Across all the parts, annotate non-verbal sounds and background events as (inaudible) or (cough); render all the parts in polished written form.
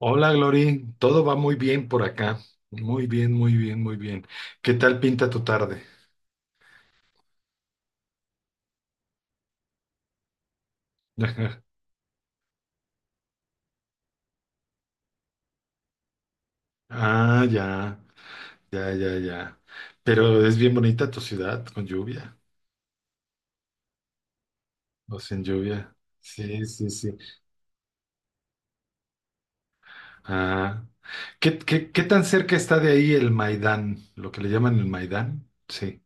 Hola, Glory. Todo va muy bien por acá. Muy bien, muy bien, muy bien. ¿Qué tal pinta tu tarde? (laughs) Ajá. Ah, ya, ya, ya, ya. Pero es bien bonita tu ciudad con lluvia o sin lluvia. Sí, sí, sí. Ah, ¿qué tan cerca está de ahí el Maidán? Lo que le llaman el Maidán. Sí,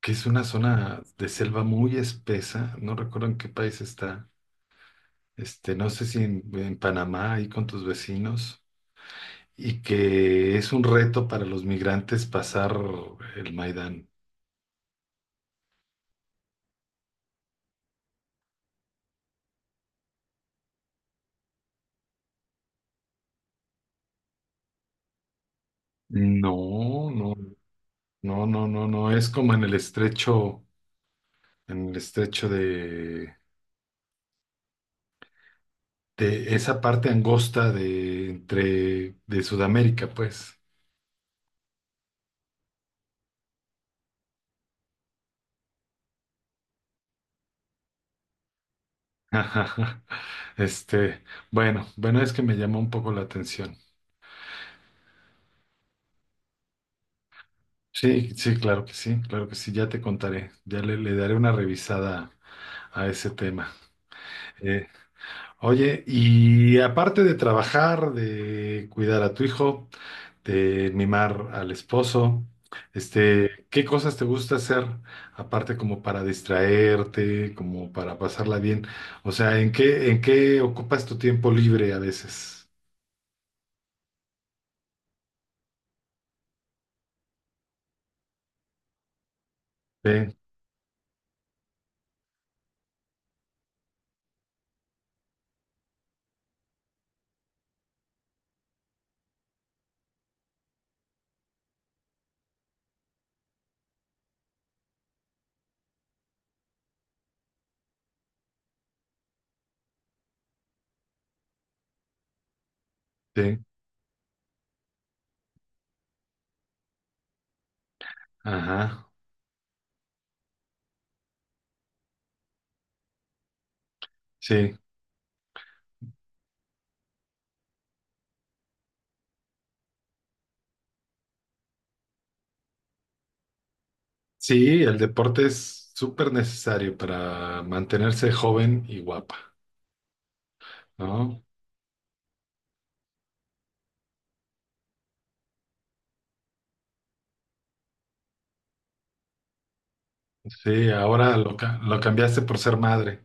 que es una zona de selva muy espesa. No recuerdo en qué país está. No sé si en Panamá, ahí con tus vecinos. Y que es un reto para los migrantes pasar el Maidán. No, no, no, no, no, no, es como en el estrecho de esa parte angosta de entre de Sudamérica, pues. (laughs) Este, bueno, bueno, es que me llamó un poco la atención. Sí, sí, claro que sí, claro que sí, ya te contaré, ya le daré una revisada a ese tema. Eh, Oye, y aparte de trabajar, de cuidar a tu hijo, de mimar al esposo, ¿qué cosas te gusta hacer aparte como para distraerte, como para pasarla bien? O sea, ¿en qué ocupas tu tiempo libre a veces? Sí, sí, ajá, sí. Sí, el deporte es súper necesario para mantenerse joven y guapa, ¿no? Sí, ahora lo cambiaste por ser madre.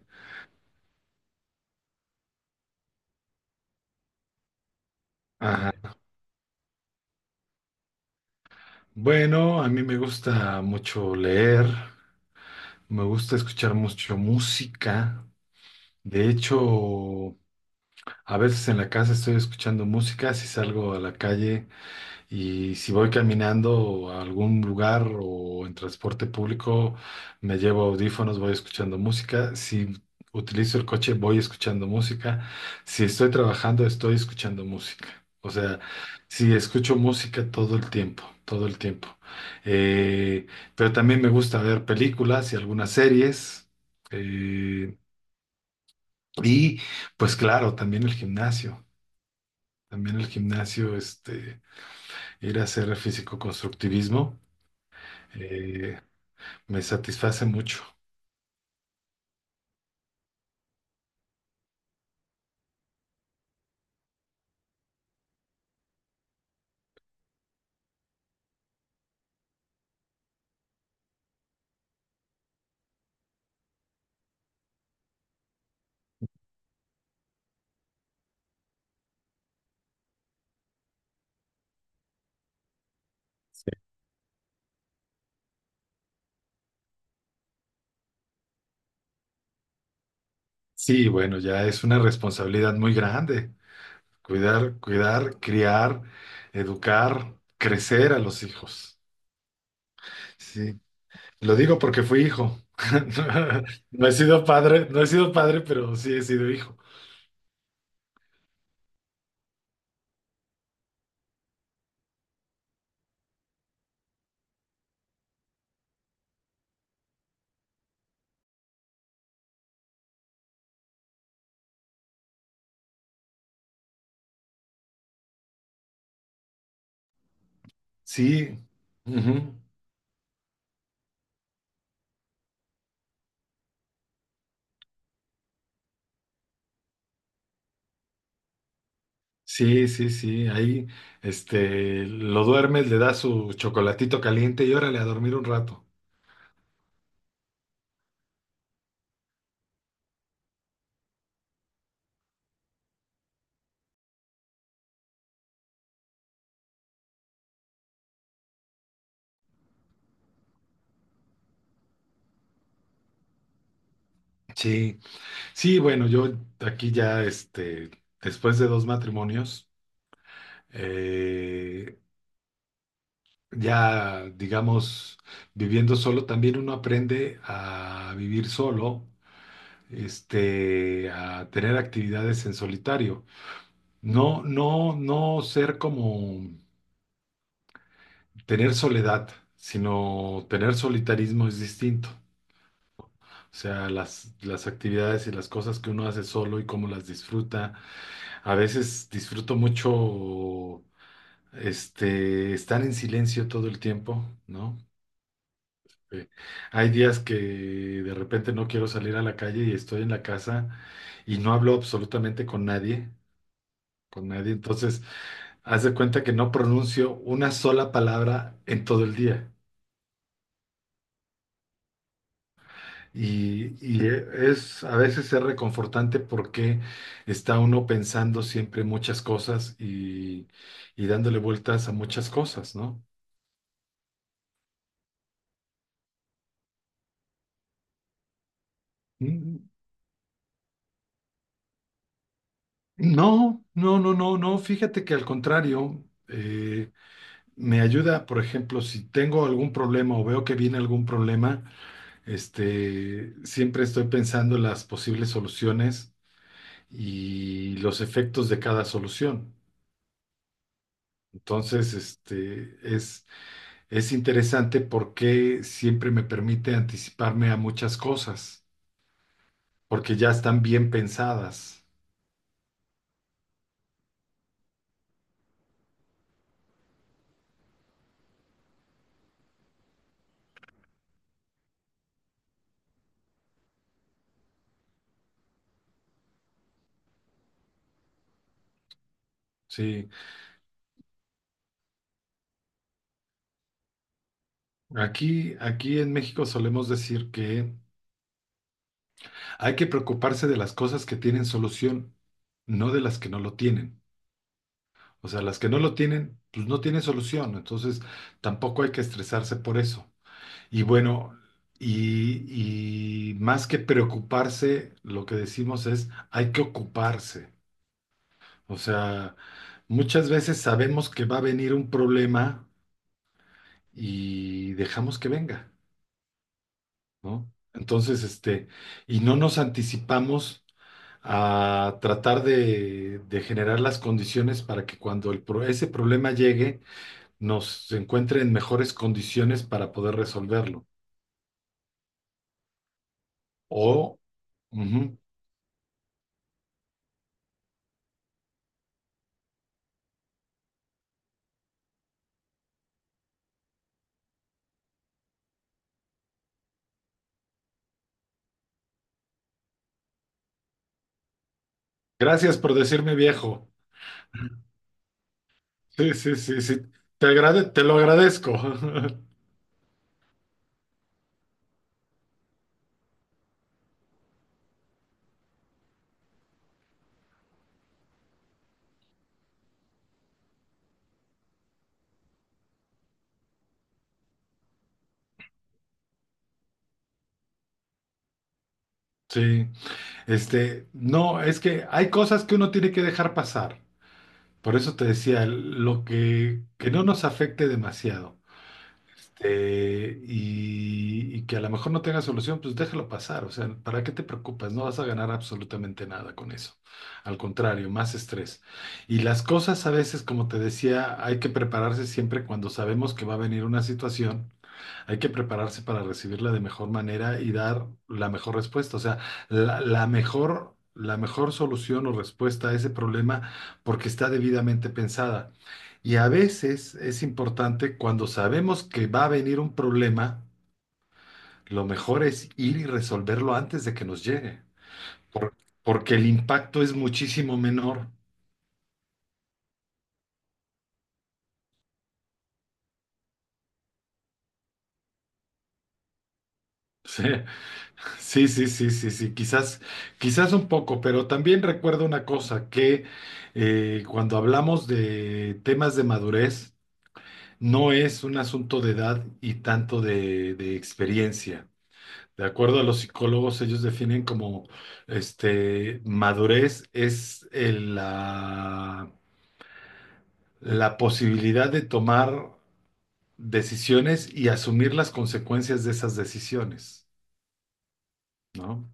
Bueno, a mí me gusta mucho leer, me gusta escuchar mucho música. De hecho, a veces en la casa estoy escuchando música, si salgo a la calle. Y si voy caminando a algún lugar o en transporte público, me llevo audífonos, voy escuchando música. Si utilizo el coche, voy escuchando música. Si estoy trabajando, estoy escuchando música. O sea, sí, escucho música todo el tiempo, todo el tiempo. Eh, pero también me gusta ver películas y algunas series. Eh, y pues claro, también el gimnasio. También el gimnasio, ir a hacer físico-constructivismo. Eh, Me satisface mucho. Sí, sí, bueno, ya es una responsabilidad muy grande. Cuidar, criar, educar, crecer a los hijos. Sí, lo digo porque fui hijo. (laughs) No he sido padre, pero sí he sido hijo. Sí, ujú. Sí, sí, sí. Ahí, lo duermes, le das su chocolatito caliente y órale a dormir un rato. Sí. Sí, bueno, yo aquí ya, después de dos matrimonios, eh, ya, digamos, viviendo solo, también uno aprende a vivir solo, a tener actividades en solitario. No, no, no ser como tener soledad, sino tener solitarismo es distinto. O sea, las actividades y las cosas que uno hace solo y cómo las disfruta. A veces disfruto mucho estar en silencio todo el tiempo, ¿no? Eh, Hay días que de repente no quiero salir a la calle y estoy en la casa y no hablo absolutamente con nadie, con nadie. Entonces, haz de cuenta que no pronuncio una sola palabra en todo el día. Es a veces es reconfortante porque está uno pensando siempre muchas cosas y dándole vueltas a muchas cosas, ¿no? No, no, no, no, no. Fíjate que al contrario, eh, me ayuda, por ejemplo, si tengo algún problema o veo que viene algún problema, siempre estoy pensando en las posibles soluciones y los efectos de cada solución. Entonces, es interesante porque siempre me permite anticiparme a muchas cosas, porque ya están bien pensadas. Sí, aquí en México solemos decir que hay que preocuparse de las cosas que tienen solución, no de las que no lo tienen. O sea, las que no lo tienen, pues no tienen solución. Entonces, tampoco hay que estresarse por eso. Y bueno, y más que preocuparse, lo que decimos es, hay que ocuparse. O sea, muchas veces sabemos que va a venir un problema y dejamos que venga, ¿no? Entonces, y no nos anticipamos a tratar de generar las condiciones para que cuando ese problema llegue, nos encuentre en mejores condiciones para poder resolverlo. O, ujú. Gracias por decirme viejo. Sí, sí, sí, sí. Te lo agradezco. (laughs) Sí, no, es que hay cosas que uno tiene que dejar pasar. Por eso te decía, que no nos afecte demasiado. Y que a lo mejor no tenga solución, pues déjalo pasar. O sea, ¿para qué te preocupas? No vas a ganar absolutamente nada con eso. Al contrario, más estrés. Y las cosas a veces, como te decía, hay que prepararse siempre cuando sabemos que va a venir una situación, hay que prepararse para recibirla de mejor manera y dar la mejor respuesta, o sea, la mejor solución o respuesta a ese problema porque está debidamente pensada. Y a veces es importante cuando sabemos que va a venir un problema, lo mejor es ir y resolverlo antes de que nos llegue, por- porque el impacto es muchísimo menor. (laughs) Sí. Sí, sí, sí, sí, sí, quizás, quizás un poco, pero también recuerdo una cosa, que cuando hablamos de temas de madurez, no es un asunto de edad y tanto de experiencia. De acuerdo a los psicólogos, ellos definen como madurez es la posibilidad de tomar decisiones y asumir las consecuencias de esas decisiones, ¿no?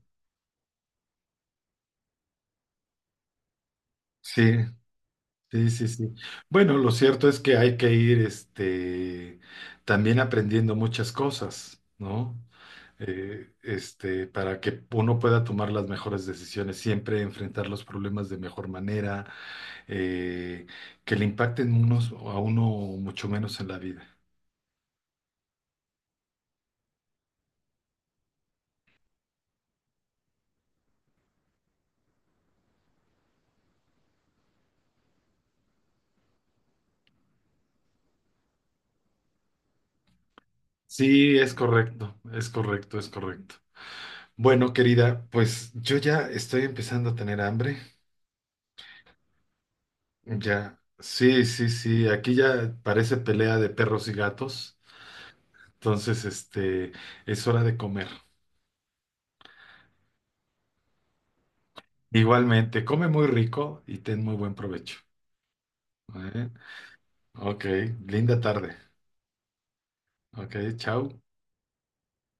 Sí, sí, sí, sí. Bueno, lo cierto es que hay que ir, también aprendiendo muchas cosas, ¿no? Para que uno pueda tomar las mejores decisiones, siempre enfrentar los problemas de mejor manera, eh, que le impacten unos a uno mucho menos en la vida. Sí, es correcto, es correcto, es correcto. Bueno, querida, pues yo ya estoy empezando a tener hambre. Ya, sí, sí, sí, aquí ya parece pelea de perros y gatos. Entonces, es hora de comer. Igualmente, come muy rico y ten muy buen provecho. ¿Eh? Ok, linda tarde. Ok, chao.